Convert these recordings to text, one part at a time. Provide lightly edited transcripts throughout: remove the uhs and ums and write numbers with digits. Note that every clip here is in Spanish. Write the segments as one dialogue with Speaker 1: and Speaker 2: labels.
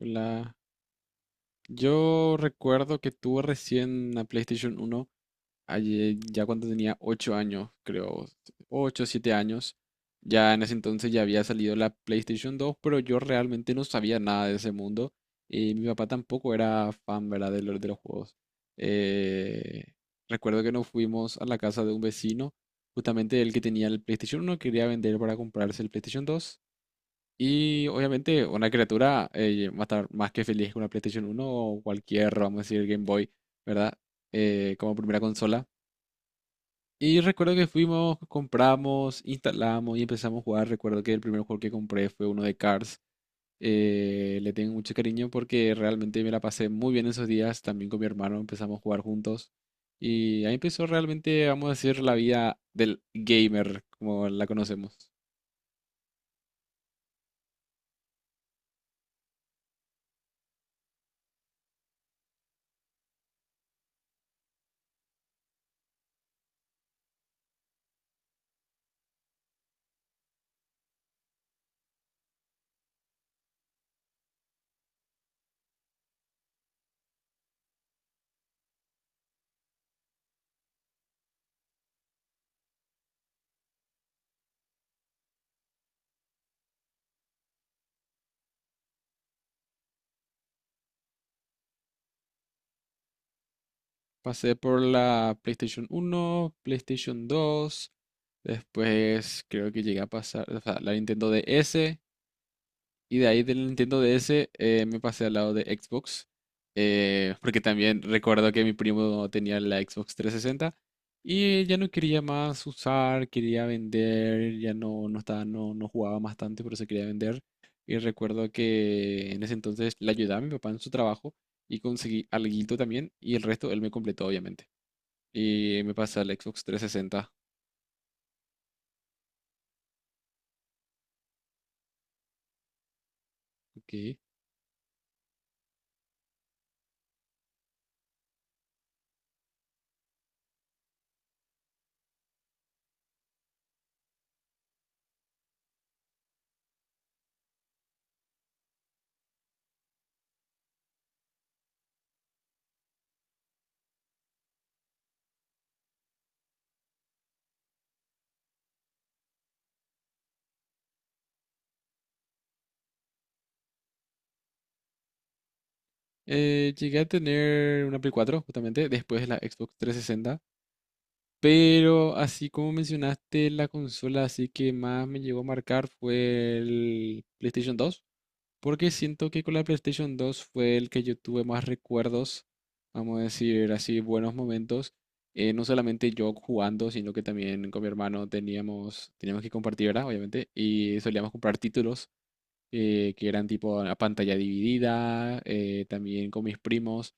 Speaker 1: La... Yo recuerdo que tuve recién la PlayStation 1 allí ya cuando tenía 8 años, creo, 8 o 7 años. Ya en ese entonces ya había salido la PlayStation 2, pero yo realmente no sabía nada de ese mundo. Y mi papá tampoco era fan, ¿verdad? De los juegos. Eh, Recuerdo que nos fuimos a la casa de un vecino, justamente el que tenía el PlayStation uno quería vender para comprarse el PlayStation dos. Y obviamente una criatura va a estar más que feliz con una PlayStation uno o cualquier, vamos a decir, Game Boy, ¿verdad? Como primera consola. Y recuerdo que fuimos, compramos, instalamos y empezamos a jugar. Recuerdo que el primer juego que compré fue uno de Cars. Le tengo mucho cariño porque realmente me la pasé muy bien esos días. También con mi hermano empezamos a jugar juntos. Y ahí empezó realmente, vamos a decir, la vida del gamer, como la conocemos. Pasé por la PlayStation uno, PlayStation dos, después creo que llegué a pasar, o sea, la Nintendo DS, y de ahí del Nintendo DS me pasé al lado de Xbox, porque también recuerdo que mi primo tenía la Xbox 360 y ya no quería más usar, quería vender, ya no, no estaba, no jugaba más tanto, pero se quería vender. Y recuerdo que en ese entonces le ayudaba a mi papá en su trabajo y conseguí alguito también y el resto él me completó, obviamente. Y me pasé al Xbox 360. OK. Llegué a tener una Play 4, justamente, después de la Xbox 360. Pero así como mencionaste, la consola así que más me llegó a marcar fue el PlayStation 2. Porque siento que con la PlayStation 2 fue el que yo tuve más recuerdos, vamos a decir así, buenos momentos. No solamente yo jugando, sino que también con mi hermano teníamos que compartir, ¿verdad? Obviamente. Y solíamos comprar títulos que eran tipo a pantalla dividida, también con mis primos.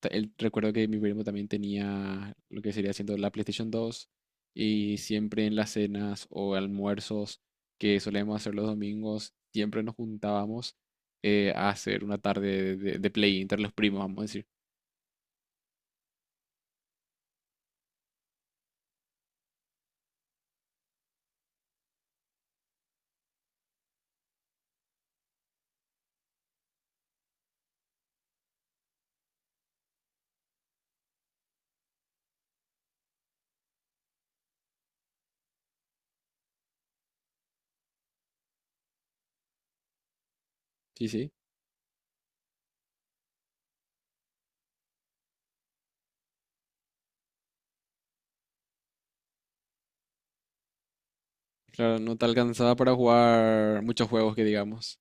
Speaker 1: Recuerdo que mi primo también tenía lo que sería siendo la PlayStation 2 y siempre en las cenas o almuerzos que solemos hacer los domingos, siempre nos juntábamos a hacer una tarde de, de play entre los primos, vamos a decir. Sí, sí. Claro, no te alcanzaba para jugar muchos juegos que digamos.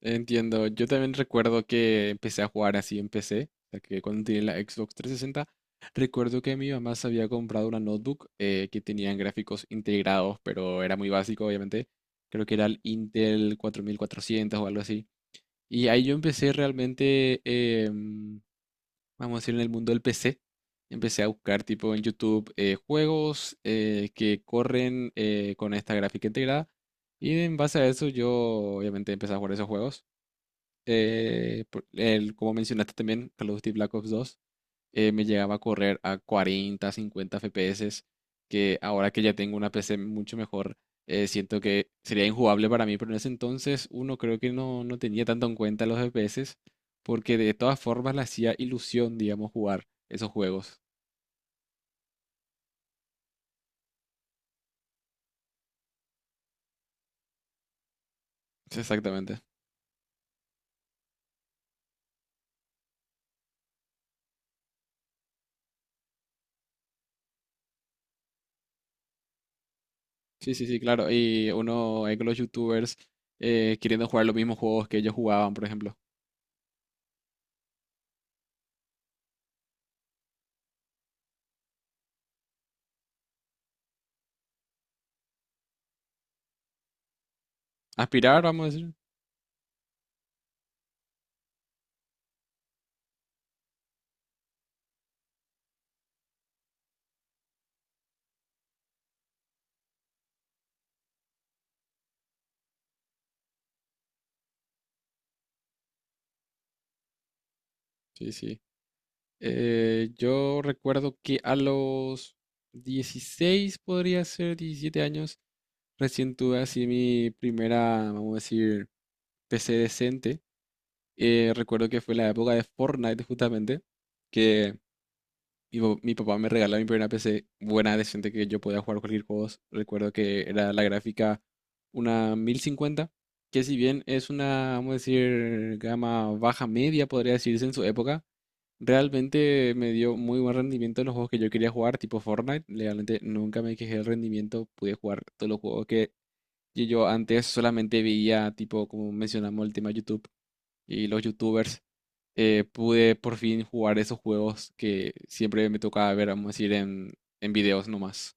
Speaker 1: Entiendo, yo también recuerdo que empecé a jugar así en PC, o sea que cuando tenía la Xbox 360, recuerdo que mi mamá se había comprado una notebook que tenían gráficos integrados, pero era muy básico, obviamente, creo que era el Intel 4400 o algo así, y ahí yo empecé realmente, vamos a decir, en el mundo del PC, empecé a buscar tipo en YouTube juegos que corren con esta gráfica integrada, y en base a eso yo obviamente empecé a jugar esos juegos como mencionaste también, Call of Duty Black Ops 2, me llegaba a correr a 40, 50 FPS, que ahora que ya tengo una PC mucho mejor, siento que sería injugable para mí, pero en ese entonces uno creo que no, tenía tanto en cuenta los FPS, porque de todas formas le hacía ilusión, digamos, jugar esos juegos. Sí, exactamente. Sí, sí, sí, claro. Y uno ve que los youtubers queriendo jugar los mismos juegos que ellos jugaban, por ejemplo. Aspirar, vamos a decir. Sí, sí. Yo recuerdo que a los 16, podría ser 17 años, recién tuve así mi primera, vamos a decir, PC decente. Recuerdo que fue la época de Fortnite justamente, que mi papá me regaló mi primera PC buena, decente, que yo podía jugar cualquier juego. Recuerdo que era la gráfica 1050, que si bien es una, vamos a decir, gama baja media, podría decirse en su época. Realmente me dio muy buen rendimiento en los juegos que yo quería jugar, tipo Fortnite. Realmente nunca me quejé del rendimiento. Pude jugar todos los juegos que yo antes solamente veía, tipo, como mencionamos, el tema YouTube y los YouTubers. Pude por fin jugar esos juegos que siempre me tocaba ver, vamos a decir, en videos nomás.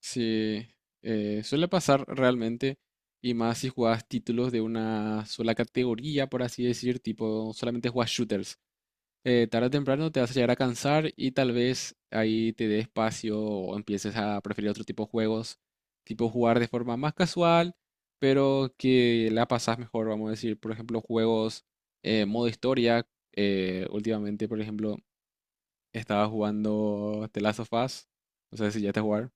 Speaker 1: Sí, suele pasar realmente. Y más si juegas títulos de una sola categoría, por así decir, tipo, solamente juegas shooters. Tarde o temprano te vas a llegar a cansar y tal vez ahí te dé espacio o empieces a preferir otro tipo de juegos, tipo jugar de forma más casual, pero que la pasás mejor, vamos a decir, por ejemplo, juegos modo historia. Últimamente, por ejemplo, estaba jugando The Last of Us, no sé si ya te jugar,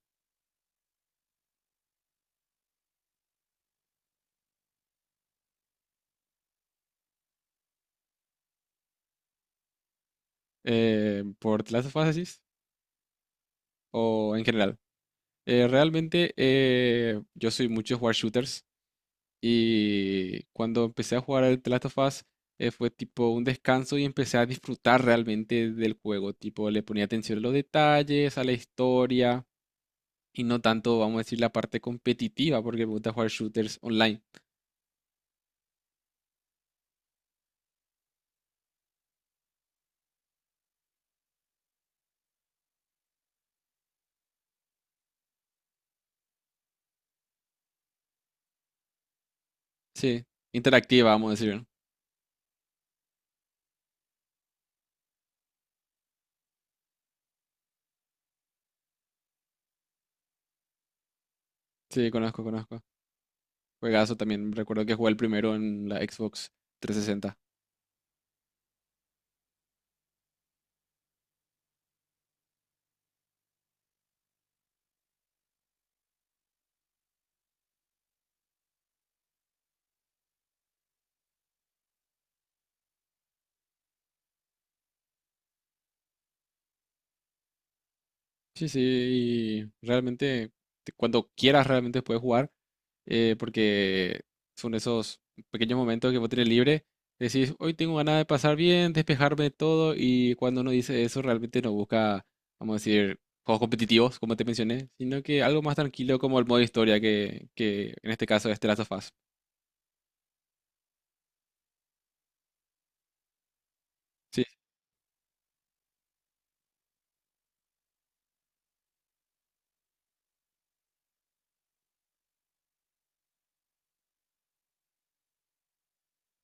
Speaker 1: por The Last of Us decís, o en general. Realmente yo soy mucho de jugar shooters, y cuando empecé a jugar al The Last of Us, fue tipo un descanso y empecé a disfrutar realmente del juego. Tipo, le ponía atención a los detalles, a la historia y no tanto, vamos a decir, la parte competitiva, porque me gusta jugar shooters online. Sí, interactiva, vamos a decir. ¿No? Sí, conozco, conozco. Juegazo también. Recuerdo que jugué el primero en la Xbox 360. Sí, sí, y realmente cuando quieras realmente puedes jugar, porque son esos pequeños momentos que vos tenés libre, decís, hoy tengo ganas de pasar bien, despejarme de todo, y cuando uno dice eso realmente no busca, vamos a decir, juegos competitivos, como te mencioné, sino que algo más tranquilo como el modo historia, que en este caso es The Last of Us. Sí,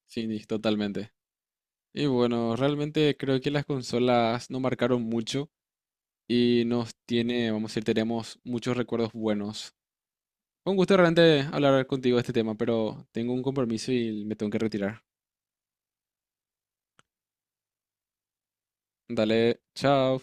Speaker 1: sí, sí, totalmente. Y bueno, realmente creo que las consolas no marcaron mucho y nos tiene, vamos a decir, tenemos muchos recuerdos buenos. Fue un gusto realmente hablar contigo de este tema, pero tengo un compromiso y me tengo que retirar. Dale, chao.